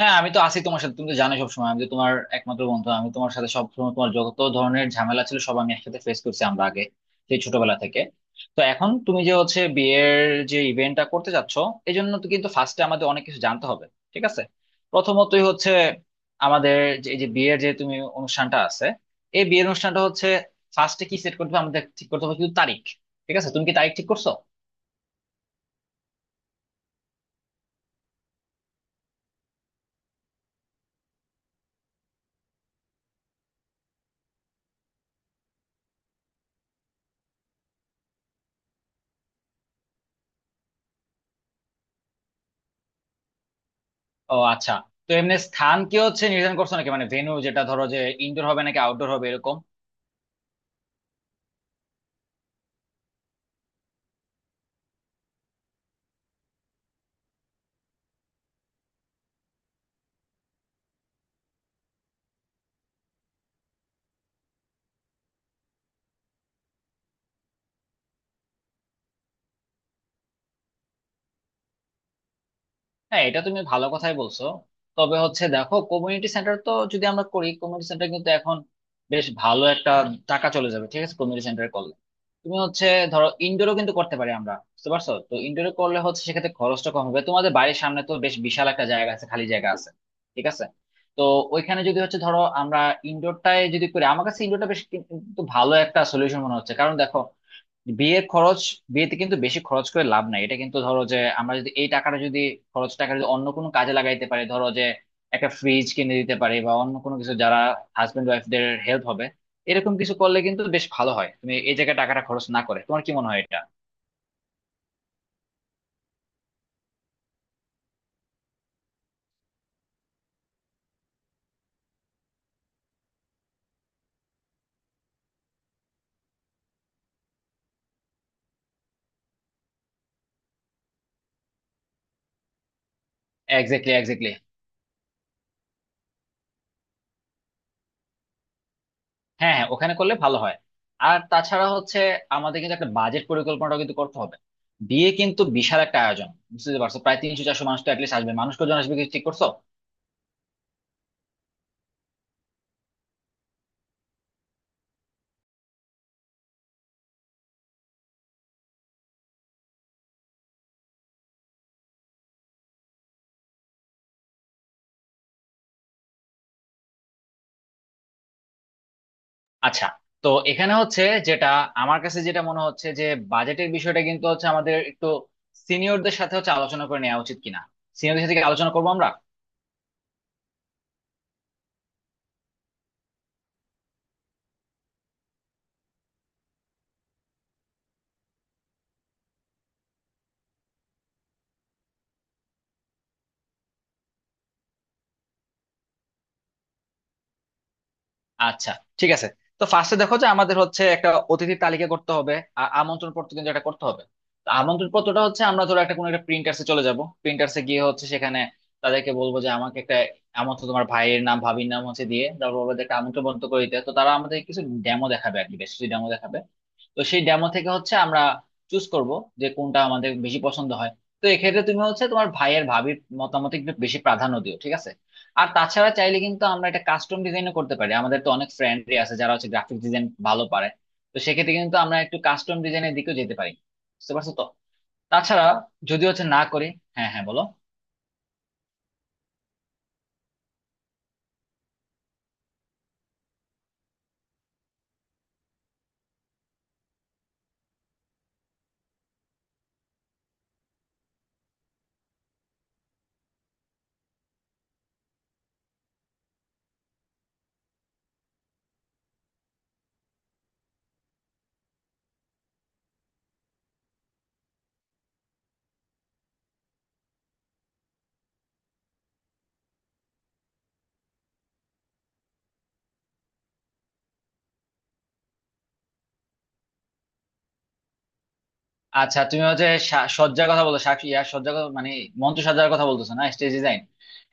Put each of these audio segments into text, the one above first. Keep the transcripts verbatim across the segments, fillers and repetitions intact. হ্যাঁ, আমি তো আছি তোমার সাথে। তুমি তো জানো সবসময়। আমি তো তোমার একমাত্র বন্ধু। আমি তোমার সাথে সবসময় তোমার যত ধরনের ঝামেলা ছিল সব আমি একসাথে ফেস করছি আমরা আগে সেই ছোটবেলা থেকে। তো এখন তুমি যে হচ্ছে বিয়ের যে ইভেন্টটা করতে যাচ্ছ, এই জন্য তো কিন্তু ফার্স্টে আমাদের অনেক কিছু জানতে হবে, ঠিক আছে। প্রথমতই হচ্ছে আমাদের যে এই যে বিয়ের যে তুমি অনুষ্ঠানটা আছে, এই বিয়ের অনুষ্ঠানটা হচ্ছে ফার্স্টে কি সেট করতে হবে, আমাদের ঠিক করতে হবে কিন্তু তারিখ। ঠিক আছে, তুমি কি তারিখ ঠিক করছো? ও আচ্ছা। তো এমনি স্থান কি হচ্ছে নির্ধারণ করছো নাকি, মানে ভেন্যু, যেটা ধরো যে ইনডোর হবে নাকি আউটডোর হবে এরকম? হ্যাঁ, এটা তুমি ভালো কথাই বলছো। তবে হচ্ছে দেখো, কমিউনিটি সেন্টার তো যদি আমরা করি, কমিউনিটি সেন্টার কিন্তু এখন বেশ ভালো একটা টাকা চলে যাবে, ঠিক আছে। কমিউনিটি সেন্টার করলে তুমি হচ্ছে ধরো ইনডোরও কিন্তু করতে পারি আমরা, বুঝতে পারছো তো? ইনডোরে করলে হচ্ছে সেক্ষেত্রে খরচটা কম হবে। তোমাদের বাড়ির সামনে তো বেশ বিশাল একটা জায়গা আছে, খালি জায়গা আছে, ঠিক আছে। তো ওইখানে যদি হচ্ছে ধরো আমরা ইনডোরটায় যদি করি, আমার কাছে ইনডোরটা বেশ কিন্তু ভালো একটা সলিউশন মনে হচ্ছে, কারণ দেখো বিয়ের খরচ, বিয়েতে কিন্তু বেশি খরচ করে লাভ নাই। এটা কিন্তু ধরো যে আমরা যদি এই টাকাটা যদি খরচ, টাকা যদি অন্য কোনো কাজে লাগাইতে পারি, ধরো যে একটা ফ্রিজ কিনে দিতে পারি বা অন্য কোনো কিছু যারা হাজবেন্ড ওয়াইফদের হেল্প হবে, এরকম কিছু করলে কিন্তু বেশ ভালো হয়। তুমি এই জায়গায় টাকাটা খরচ না করে, তোমার কি মনে হয় এটা? Exactly, exactly. হ্যাঁ হ্যাঁ, ওখানে করলে ভালো হয়। আর তাছাড়া হচ্ছে আমাদের কিন্তু একটা বাজেট পরিকল্পনাটা কিন্তু করতে হবে। বিয়ে কিন্তু বিশাল একটা আয়োজন, বুঝতে পারছো। প্রায় তিনশো চারশো মানুষ তো অ্যাটলিস্ট আসবে। মানুষ কজন আসবে কিছু ঠিক করছো? আচ্ছা। তো এখানে হচ্ছে যেটা আমার কাছে যেটা মনে হচ্ছে যে বাজেটের বিষয়টা কিন্তু হচ্ছে আমাদের একটু সিনিয়রদের সাথে হচ্ছে আলোচনা করে নেওয়া উচিত কিনা। সিনিয়রদের সাথে কি আলোচনা করবো আমরা? আচ্ছা, ঠিক আছে। তো ফার্স্টে দেখো যে আমাদের হচ্ছে একটা অতিথি তালিকা করতে হবে, আর আমন্ত্রণ পত্র কিন্তু এটা করতে হবে। তো আমন্ত্রণ পত্রটা হচ্ছে আমরা ধরো একটা কোনো একটা প্রিন্টার্সে চলে যাব, প্রিন্টার্সে গিয়ে হচ্ছে সেখানে তাদেরকে বলবো যে আমাকে একটা আমন্ত্রণ, তোমার ভাইয়ের নাম ভাবির নাম হচ্ছে দিয়ে, তারপর বলবো যে একটা আমন্ত্রণ পত্র করে দিতে। তো তারা আমাদের কিছু ডেমো দেখাবে আর কি, বেশ কিছু ডেমো দেখাবে। তো সেই ডেমো থেকে হচ্ছে আমরা চুজ করব যে কোনটা আমাদের বেশি পছন্দ হয়। তো এক্ষেত্রে তুমি হচ্ছে তোমার ভাইয়ের ভাবির মতামত একটু বেশি প্রাধান্য দিও, ঠিক আছে। আর তাছাড়া চাইলে কিন্তু আমরা এটা কাস্টম ডিজাইনও করতে পারি। আমাদের তো অনেক ফ্রেন্ডই আছে যারা হচ্ছে গ্রাফিক ডিজাইন ভালো পারে। তো সেক্ষেত্রে কিন্তু আমরা একটু কাস্টম ডিজাইনের দিকেও যেতে পারি, বুঝতে পারছো তো। তাছাড়া যদি হচ্ছে না করি। হ্যাঁ হ্যাঁ, বলো। আচ্ছা, তুমি হচ্ছে সা- সজ্জার কথা বলতো, শাক ইয়ার সজ্জার কথা, মানে মঞ্চ সজ্জার কথা বলতেছো না, স্টেজ ডিজাইন?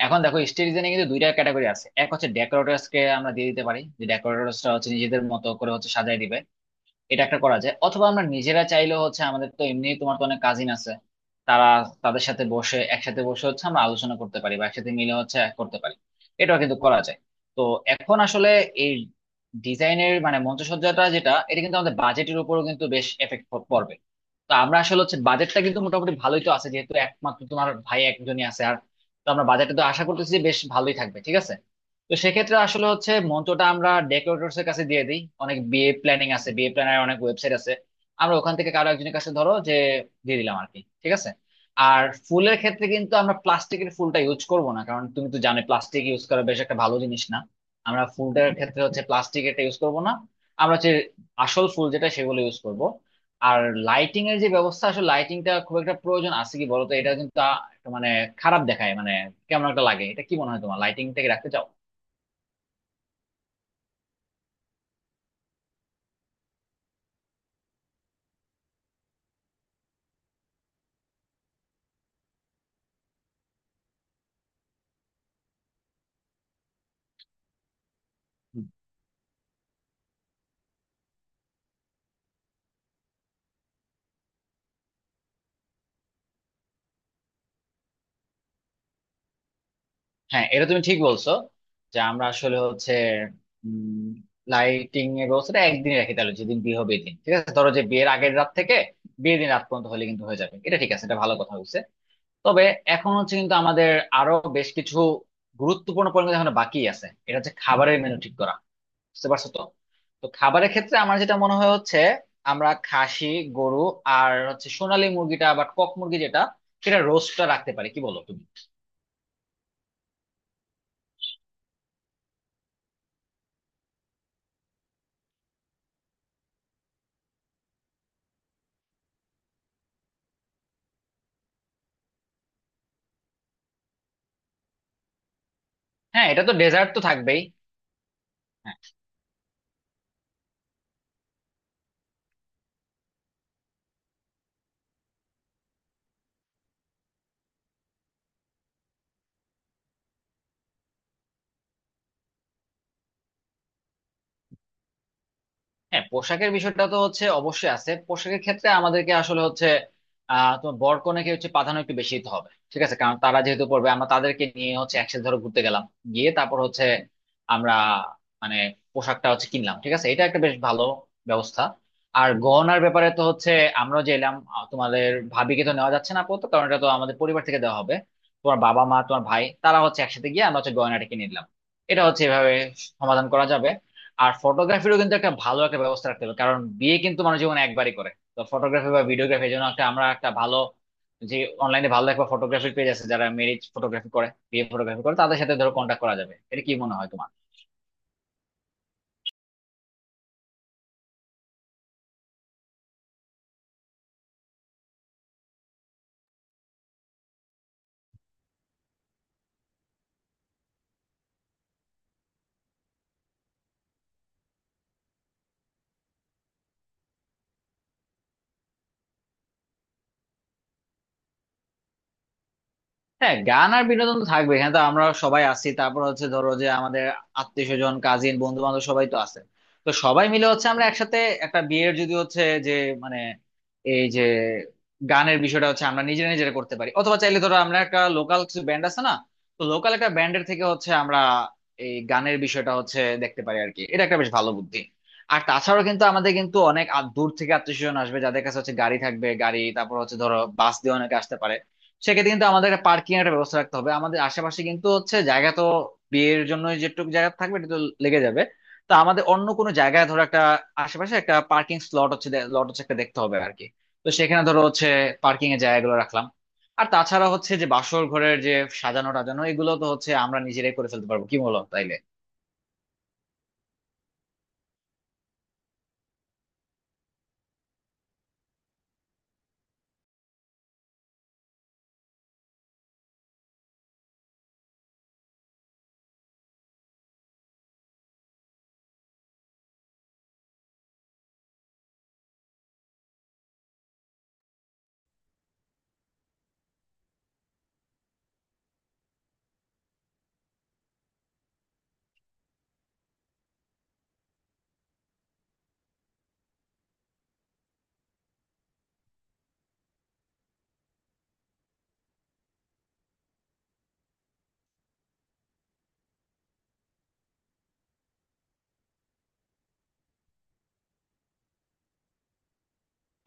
এখন দেখো স্টেজ ডিজাইনে কিন্তু দুইটা ক্যাটাগরি আছে। এক হচ্ছে ডেকোরেটরস কে আমরা দিয়ে দিতে পারি, যে ডেকোরেটরস টা হচ্ছে নিজেদের মতো করে হচ্ছে সাজায় দিবে। এটা একটা করা যায়, অথবা আমরা নিজেরা চাইলেও হচ্ছে, আমাদের তো এমনি তোমার তো অনেক কাজিন আছে, তারা, তাদের সাথে বসে, একসাথে বসে হচ্ছে আমরা আলোচনা করতে পারি বা একসাথে মিলে হচ্ছে করতে পারি, এটাও কিন্তু করা যায়। তো এখন আসলে এই ডিজাইনের মানে মঞ্চসজ্জাটা যেটা, এটা কিন্তু আমাদের বাজেটের উপরও কিন্তু বেশ এফেক্ট পড়বে। তো আমরা আসলে হচ্ছে বাজেটটা কিন্তু মোটামুটি ভালোই তো আছে, যেহেতু একমাত্র তোমার ভাই একজনই আছে, আর তো আমরা বাজেটটা তো আশা করতেছি যে বেশ ভালোই থাকবে, ঠিক আছে। তো সেক্ষেত্রে আসলে হচ্ছে মঞ্চটা আমরা ডেকোরেটরস এর কাছে দিয়ে দিই। অনেক বিয়ে প্ল্যানিং আছে, বিয়ে প্ল্যানার অনেক ওয়েবসাইট আছে। আমরা ওখান থেকে কারো একজনের কাছে ধরো যে দিয়ে দিলাম আর কি, ঠিক আছে। আর ফুলের ক্ষেত্রে কিন্তু আমরা প্লাস্টিকের ফুলটা ইউজ করব না, কারণ তুমি তো জানো প্লাস্টিক ইউজ করা বেশ একটা ভালো জিনিস না। আমরা ফুলটার ক্ষেত্রে হচ্ছে প্লাস্টিক এটা ইউজ করব না, আমরা হচ্ছে আসল ফুল যেটা সেগুলো ইউজ করব। আর লাইটিং এর যে ব্যবস্থা, আসলে লাইটিংটা খুব একটা প্রয়োজন আছে কি বলতো? এটা কিন্তু আ- একটা মানে খারাপ দেখায় মানে, কেমন একটা লাগে। এটা কি মনে হয় তোমার, লাইটিংটাকে রাখতে চাও? হ্যাঁ, এটা তুমি ঠিক বলছো যে আমরা আসলে হচ্ছে লাইটিং এর ব্যবস্থাটা একদিন রাখি, তাহলে যেদিন বিয়ে হবে এদিন, ঠিক আছে, ধরো যে বিয়ের আগের রাত থেকে বিয়ের দিন রাত পর্যন্ত হলে কিন্তু হয়ে যাবে, এটা ঠিক আছে, এটা ভালো কথা বলছে। তবে এখন হচ্ছে কিন্তু আমাদের আরো বেশ কিছু গুরুত্বপূর্ণ পরিমাণ এখন বাকি আছে, এটা হচ্ছে খাবারের মেনু ঠিক করা, বুঝতে পারছো তো। তো খাবারের ক্ষেত্রে আমার যেটা মনে হয় হচ্ছে আমরা খাসি, গরু, আর হচ্ছে সোনালী মুরগিটা বা কক মুরগি যেটা, সেটা রোস্টটা রাখতে পারি, কি বলো তুমি? হ্যাঁ, এটা তো ডেজার্ট তো থাকবেই। হ্যাঁ, পোশাকের বিষয়টা তো হচ্ছে অবশ্যই আছে। পোশাকের ক্ষেত্রে আমাদেরকে আসলে হচ্ছে আহ, তোমার বর কনেকে হচ্ছে প্রাধান্য একটু বেশি দিতে হবে, ঠিক আছে, কারণ তারা যেহেতু পড়বে। আমরা তাদেরকে নিয়ে হচ্ছে একসাথে ধরো ঘুরতে গেলাম, গিয়ে তারপর হচ্ছে আমরা মানে পোশাকটা হচ্ছে কিনলাম, ঠিক আছে, এটা একটা বেশ ভালো ব্যবস্থা। আর গহনার ব্যাপারে তো হচ্ছে আমরা যে এলাম, আহ, তোমাদের ভাবিকে তো নেওয়া যাচ্ছে না আপাতত, কারণ এটা তো আমাদের পরিবার থেকে দেওয়া হবে। তোমার বাবা মা তোমার ভাই তারা হচ্ছে একসাথে গিয়ে আমরা হচ্ছে গয়নাটা কিনে নিলাম, এটা হচ্ছে এভাবে সমাধান করা যাবে। আর ফটোগ্রাফিরও কিন্তু একটা ভালো একটা ব্যবস্থা রাখতে হবে, কারণ বিয়ে কিন্তু মানুষ জীবনে একবারই করে। তো ফটোগ্রাফি বা ভিডিওগ্রাফি এর জন্য একটা আমরা একটা ভালো, যে অনলাইনে ভালো একটা ফটোগ্রাফির পেজ আছে যারা ম্যারেজ ফটোগ্রাফি করে, বিয়ে ফটোগ্রাফি করে, তাদের সাথে ধরো কন্ট্যাক্ট করা যাবে। এটা কি মনে হয় তোমার? হ্যাঁ, গান আর বিনোদন তো থাকবে। এখানে তো আমরা সবাই আছি, তারপর হচ্ছে ধরো যে আমাদের আত্মীয় স্বজন, কাজিন, বন্ধু বান্ধব সবাই তো আছে। তো সবাই মিলে হচ্ছে আমরা একসাথে একটা বিয়ের, যদি হচ্ছে যে মানে এই যে গানের বিষয়টা হচ্ছে আমরা নিজেরা নিজেরা করতে পারি, অথবা চাইলে ধরো আমরা একটা লোকাল কিছু ব্যান্ড আছে না, তো লোকাল একটা ব্যান্ডের থেকে হচ্ছে আমরা এই গানের বিষয়টা হচ্ছে দেখতে পারি আর কি, এটা একটা বেশ ভালো বুদ্ধি। আর তাছাড়াও কিন্তু আমাদের কিন্তু অনেক আ- দূর থেকে আত্মীয় স্বজন আসবে যাদের কাছে হচ্ছে গাড়ি থাকবে, গাড়ি, তারপর হচ্ছে ধরো বাস দিয়ে অনেকে আসতে পারে। সেক্ষেত্রে কিন্তু আমাদের একটা পার্কিং এর একটা ব্যবস্থা রাখতে হবে। আমাদের আশেপাশে কিন্তু হচ্ছে জায়গা তো বিয়ের জন্য যেটুকু জায়গা থাকবে এটা তো লেগে যাবে। তা আমাদের অন্য কোনো জায়গায় ধরো একটা, আশেপাশে একটা পার্কিং স্লট হচ্ছে, লট হচ্ছে একটা দেখতে হবে আর কি। তো সেখানে ধরো হচ্ছে পার্কিং এর জায়গাগুলো রাখলাম। আর তাছাড়া হচ্ছে যে বাসর ঘরের যে সাজানো টাজানো এগুলো তো হচ্ছে আমরা নিজেরাই করে ফেলতে পারবো, কি বলো তাইলে?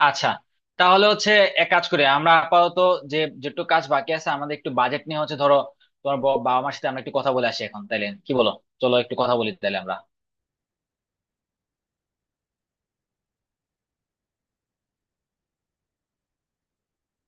আচ্ছা, তাহলে হচ্ছে এক কাজ করে আমরা আপাতত যে যেটুকু কাজ বাকি আছে আমাদের একটু বাজেট নিয়ে হচ্ছে ধরো তোমার ব- বাবা মার সাথে আমরা একটু কথা বলে আসি এখন, তাইলে কি বলো। চলো একটু কথা বলি তাইলে আমরা।